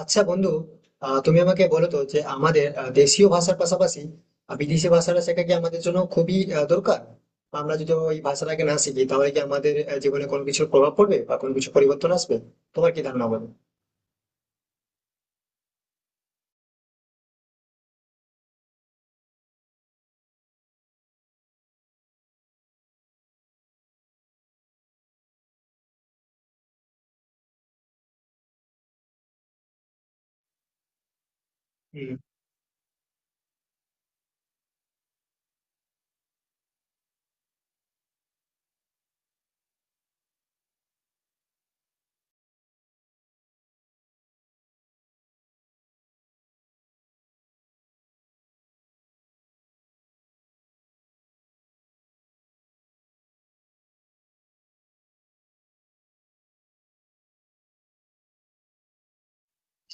আচ্ছা বন্ধু, তুমি আমাকে বলো তো যে আমাদের দেশীয় ভাষার পাশাপাশি বিদেশি ভাষাটা শেখা কি আমাদের জন্য খুবই দরকার? আমরা যদি ওই ভাষাটাকে না শিখি তাহলে কি আমাদের জীবনে কোনো কিছুর প্রভাব পড়বে বা কোনো কিছু পরিবর্তন আসবে? তোমার কি ধারণা বলো। হুম।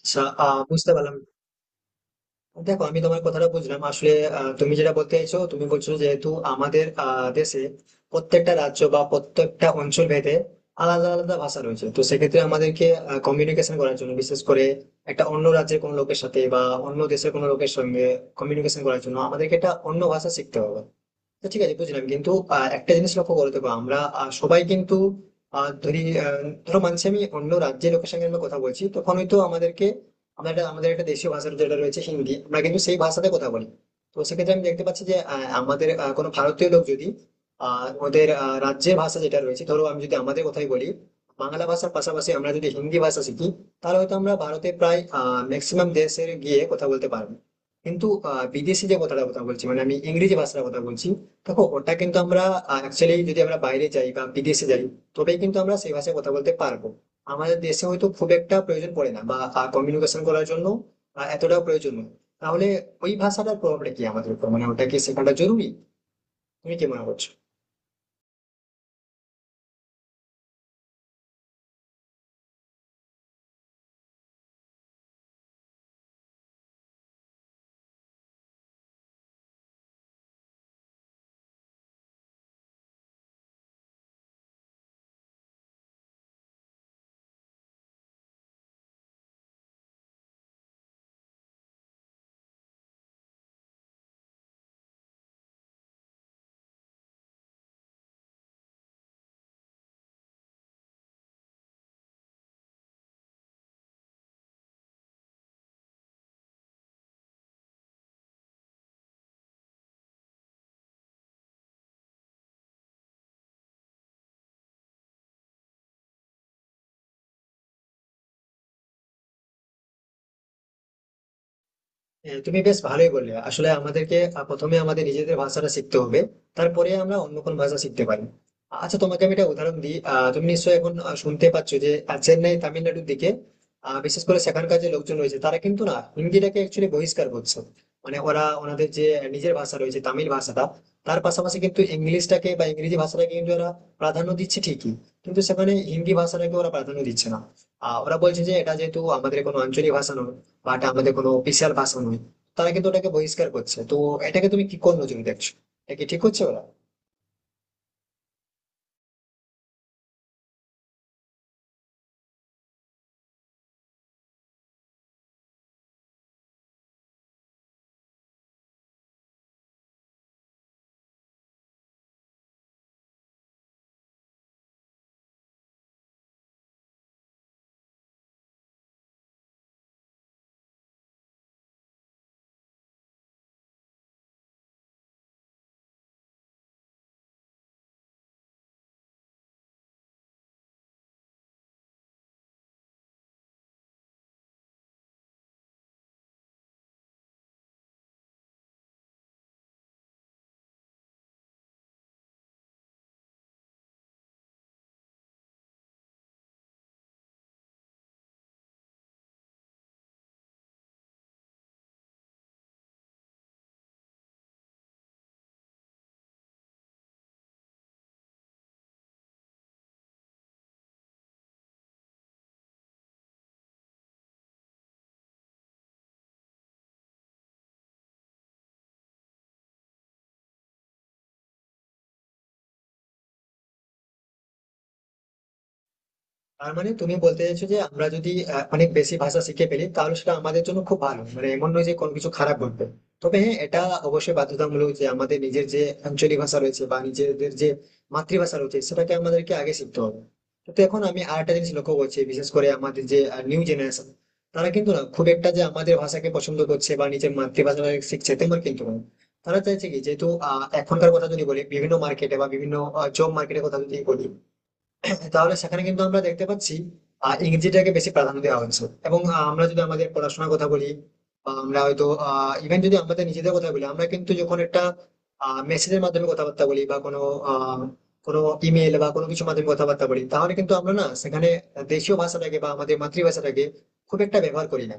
আচ্ছা, বুঝতে পারলাম। দেখো, আমি তোমার কথাটা বুঝলাম আসলে। তুমি যেটা বলতে চাইছো, তুমি বলছো যেহেতু আমাদের দেশে প্রত্যেকটা রাজ্য বা প্রত্যেকটা অঞ্চল ভেদে আলাদা আলাদা ভাষা রয়েছে, তো সেক্ষেত্রে আমাদেরকে কমিউনিকেশন করার জন্য, বিশেষ করে একটা অন্য রাজ্যের কোনো লোকের সাথে বা অন্য দেশের কোনো লোকের সঙ্গে কমিউনিকেশন করার জন্য আমাদেরকে একটা অন্য ভাষা শিখতে হবে। তো ঠিক আছে, বুঝলাম, কিন্তু একটা জিনিস লক্ষ্য করে দেখো, আমরা সবাই কিন্তু আহ, ধরি আহ, ধরো, মানছি আমি অন্য রাজ্যের লোকের সঙ্গে আমরা কথা বলছি, তখন হয়তো আমাদেরকে আমাদের একটা দেশীয় ভাষা যেটা রয়েছে হিন্দি, আমরা কিন্তু সেই ভাষাতে কথা বলি। তো সেক্ষেত্রে আমি দেখতে পাচ্ছি যে আমাদের কোনো ভারতীয় লোক যদি ওদের রাজ্যের ভাষা যেটা রয়েছে, ধরো আমি যদি আমাদের কথাই বলি, বাংলা ভাষার পাশাপাশি আমরা যদি হিন্দি ভাষা শিখি, তাহলে হয়তো আমরা ভারতের প্রায় ম্যাক্সিমাম দেশে গিয়ে কথা বলতে পারবো। কিন্তু বিদেশি যে কথাটা কথা বলছি, মানে আমি ইংরেজি ভাষার কথা বলছি, দেখো ওটা কিন্তু আমরা অ্যাকচুয়ালি যদি আমরা বাইরে যাই বা বিদেশে যাই, তবেই কিন্তু আমরা সেই ভাষায় কথা বলতে পারবো। আমাদের দেশে হয়তো খুব একটা প্রয়োজন পড়ে না, বা কমিউনিকেশন করার জন্য এতটাও প্রয়োজন নয়। তাহলে ওই ভাষাটার প্রভাবটা কি আমাদের উপর, মানে ওটা কি শেখাটা জরুরি? তুমি কি মনে করছো? হ্যাঁ, তুমি বেশ ভালোই বললে। আসলে আমাদেরকে প্রথমে আমাদের নিজেদের ভাষাটা শিখতে হবে, তারপরে আমরা অন্য কোন ভাষা শিখতে পারি। আচ্ছা তোমাকে আমি একটা উদাহরণ দিই, তুমি নিশ্চয়ই এখন শুনতে পাচ্ছ যে চেন্নাই তামিলনাড়ুর দিকে বিশেষ করে সেখানকার যে লোকজন রয়েছে, তারা কিন্তু না হিন্দিটাকে অ্যাকচুয়ালি বহিষ্কার করছে। মানে ওরা ওনাদের যে নিজের ভাষা রয়েছে তামিল ভাষাটা, তার পাশাপাশি কিন্তু ইংলিশটাকে বা ইংরেজি ভাষাটাকে কিন্তু ওরা প্রাধান্য দিচ্ছে ঠিকই, কিন্তু সেখানে হিন্দি ভাষাটাকে ওরা প্রাধান্য দিচ্ছে না। ওরা বলছে যে এটা যেহেতু আমাদের কোনো আঞ্চলিক ভাষা নয়, বা এটা আমাদের কোনো অফিসিয়াল ভাষা নয়, তারা কিন্তু ওটাকে বহিষ্কার করছে। তো এটাকে তুমি কি কোন নজরে দেখছো? এটা কি ঠিক হচ্ছে ওরা? তার মানে তুমি বলতে চাইছো যে আমরা যদি অনেক বেশি ভাষা শিখে ফেলি তাহলে সেটা আমাদের জন্য খুব ভালো, মানে এমন নয় যে কোনো কিছু খারাপ ঘটবে। তবে হ্যাঁ, এটা অবশ্যই বাধ্যতামূলক যে আমাদের নিজের যে আঞ্চলিক ভাষা রয়েছে বা নিজেদের যে মাতৃভাষা রয়েছে, সেটাকে আমাদেরকে আগে শিখতে হবে। তো এখন আমি আর একটা জিনিস লক্ষ্য করছি, বিশেষ করে আমাদের যে নিউ জেনারেশন, তারা কিন্তু না খুব একটা যে আমাদের ভাষাকে পছন্দ করছে বা নিজের মাতৃভাষাকে শিখছে তেমন কিন্তু নয়। তারা চাইছে কি, যেহেতু এখনকার কথা যদি বলি, বিভিন্ন মার্কেটে বা বিভিন্ন জব মার্কেটের কথা যদি বলি, তাহলে সেখানে কিন্তু আমরা দেখতে পাচ্ছি ইংরেজিটাকে বেশি প্রাধান্য দেওয়া হয়েছে। এবং আমরা যদি আমাদের পড়াশোনার কথা বলি, বা আমরা হয়তো ইভেন যদি আমাদের নিজেদের কথা বলি, আমরা কিন্তু যখন একটা মেসেজের মাধ্যমে কথাবার্তা বলি বা কোনো আহ, কোনো ইমেল বা কোনো কিছু মাধ্যমে কথাবার্তা বলি, তাহলে কিন্তু আমরা না সেখানে দেশীয় ভাষাটাকে বা আমাদের মাতৃভাষাটাকে খুব একটা ব্যবহার করি না।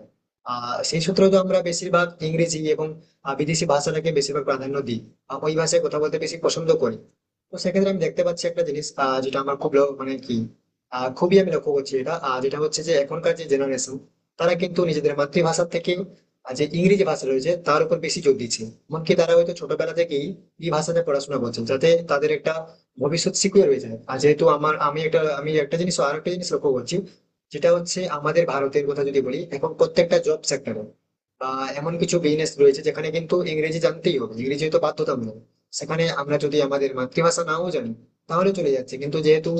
সেই সূত্রে তো আমরা বেশিরভাগ ইংরেজি এবং বিদেশি ভাষাটাকে বেশিরভাগ প্রাধান্য দিই, ওই ভাষায় কথা বলতে বেশি পছন্দ করি। তো সেক্ষেত্রে আমি দেখতে পাচ্ছি একটা জিনিস, যেটা আমার খুব মানে কি, খুবই আমি লক্ষ্য করছি এটা, যেটা হচ্ছে যে এখনকার যে জেনারেশন, তারা কিন্তু নিজেদের মাতৃভাষার থেকে যে ইংরেজি ভাষা রয়েছে তার উপর বেশি জোর দিচ্ছে। এমনকি তারা হয়তো ছোটবেলা থেকেই এই ভাষাতে পড়াশোনা করছেন, যাতে তাদের একটা ভবিষ্যৎ সিকিউর হয়ে যায়। আর যেহেতু আমার আমি একটা আমি একটা জিনিস আর একটা জিনিস লক্ষ্য করছি, যেটা হচ্ছে আমাদের ভারতের কথা যদি বলি, এখন প্রত্যেকটা জব সেক্টরে বা এমন কিছু বিজনেস রয়েছে যেখানে কিন্তু ইংরেজি জানতেই হবে, ইংরেজি তো বাধ্যতামূলক। সেখানে আমরা যদি আমাদের মাতৃভাষা নাও জানি তাহলে চলে যাচ্ছে, কিন্তু যেহেতু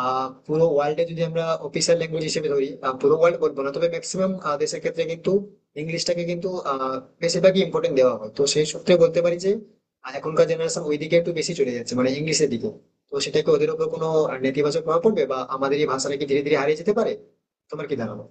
পুরো ওয়ার্ল্ডে যদি আমরা অফিসিয়াল ল্যাঙ্গুয়েজ হিসেবে ধরি, পুরো ওয়ার্ল্ড বলবো না তবে ম্যাক্সিমাম দেশের ক্ষেত্রে কিন্তু ইংলিশটাকে কিন্তু বেশিরভাগই ইম্পর্টেন্ট দেওয়া হয়। তো সেই সূত্রে বলতে পারি যে এখনকার জেনারেশন ওইদিকে একটু বেশি চলে যাচ্ছে, মানে ইংলিশের দিকে। তো সেটাকে ওদের উপর কোনো নেতিবাচক প্রভাব পড়বে, বা আমাদের এই ভাষাটা কি ধীরে ধীরে হারিয়ে যেতে পারে? তোমার কি ধারণা?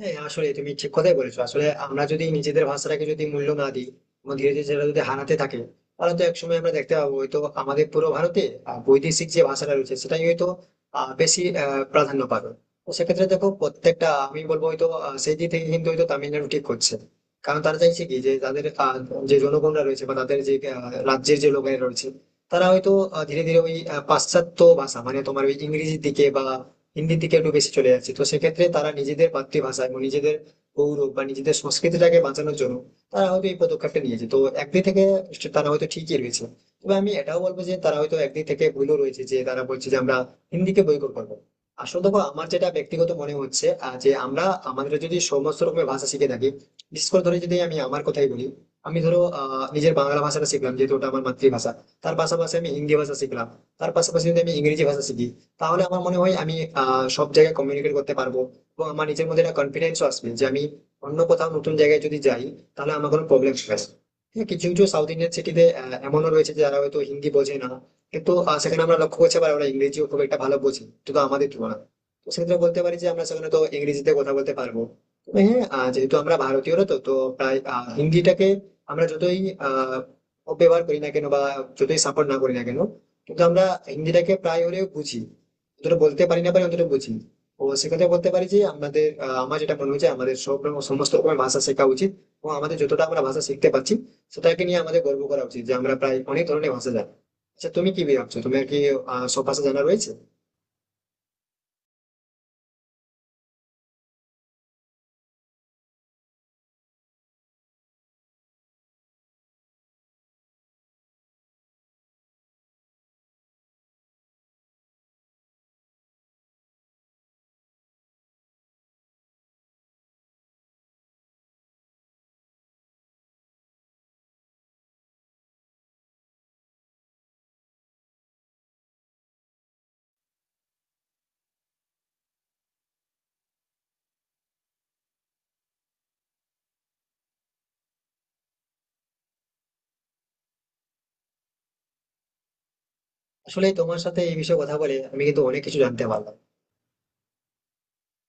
হ্যাঁ, আসলে তুমি ঠিক কথাই বলেছো। আসলে আমরা যদি নিজেদের ভাষাটাকে যদি মূল্য না দিই এবং ধীরে ধীরে সেটা যদি হারাতে থাকে, তাহলে তো একসময় আমরা দেখতে পাবো হয়তো আমাদের পুরো ভারতে বৈদেশিক যে ভাষাটা রয়েছে সেটাই হয়তো বেশি প্রাধান্য পাবে। তো সেক্ষেত্রে দেখো, প্রত্যেকটা আমি বলবো হয়তো সেই দিক থেকে কিন্তু হয়তো তামিলনাড়ু ঠিক করছে, কারণ তারা চাইছে কি যে তাদের যে জনগণরা রয়েছে বা তাদের যে রাজ্যের যে লোকেরা রয়েছে, তারা হয়তো ধীরে ধীরে ওই পাশ্চাত্য ভাষা মানে তোমার ওই ইংরেজির দিকে বা হিন্দির দিকে একটু বেশি চলে যাচ্ছে। তো সেক্ষেত্রে তারা নিজেদের মাতৃভাষা এবং নিজেদের গৌরব বা নিজেদের সংস্কৃতিটাকে বাঁচানোর জন্য তারা হয়তো এই পদক্ষেপটা নিয়েছে। তো একদিক থেকে তারা হয়তো ঠিকই রয়েছে, তবে আমি এটাও বলবো যে তারা হয়তো একদিক থেকে ভুলও রয়েছে, যে তারা বলছে যে আমরা হিন্দিকে বয়কট করবো। আসলে দেখো, আমার যেটা ব্যক্তিগত মনে হচ্ছে যে আমরা আমাদের যদি সমস্ত রকমের ভাষা শিখে থাকি, বিশেষ করে ধরে যদি আমি আমার কথাই বলি, আমি ধরো নিজের বাংলা ভাষাটা শিখলাম যেহেতু ওটা আমার মাতৃভাষা, তার পাশাপাশি আমি হিন্দি ভাষা শিখলাম, তার পাশাপাশি যদি আমি ইংরেজি ভাষা শিখি, তাহলে আমার মনে হয় আমি সব জায়গায় কমিউনিকেট করতে পারবো। এবং আমার নিজের মধ্যে একটা কনফিডেন্সও আসবে যে আমি অন্য কোথাও নতুন জায়গায় যদি যাই তাহলে আমার কোনো প্রবলেম হবে না। হ্যাঁ, কিছু কিছু সাউথ ইন্ডিয়ান সিটিতে এমনও রয়েছে যে যারা হয়তো হিন্দি বোঝে না, কিন্তু সেখানে আমরা লক্ষ্য করছি আবার ওরা ইংরেজিও খুব একটা ভালো বোঝে শুধু আমাদের তুলনায়। তো সেক্ষেত্রে বলতে পারি যে আমরা সেখানে তো ইংরেজিতে কথা বলতে পারবো। তবে হ্যাঁ, যেহেতু আমরা ভারতীয়রা, তো তো প্রায় হিন্দিটাকে আমরা যতই আহ অপব্যবহার করি না কেন, বা যতই সাপোর্ট না করি না কেন, কিন্তু আমরা হিন্দিটাকে প্রায় হলেও বুঝি। অতটা বলতে পারি না, পারি অতটা বুঝি। ও সেক্ষেত্রে বলতে পারি যে আমাদের, আমার যেটা মনে হচ্ছে আমাদের সব রকম সমস্ত রকমের ভাষা শেখা উচিত, এবং আমাদের যতটা আমরা ভাষা শিখতে পারছি সেটাকে নিয়ে আমাদের গর্ব করা উচিত যে আমরা প্রায় অনেক ধরনের ভাষা জানি। আচ্ছা তুমি কি ভাবছো, তোমার কি সব ভাষা জানা রয়েছে? আসলে তোমার সাথে এই বিষয়ে কথা বলে আমি কিন্তু অনেক কিছু জানতে পারলাম।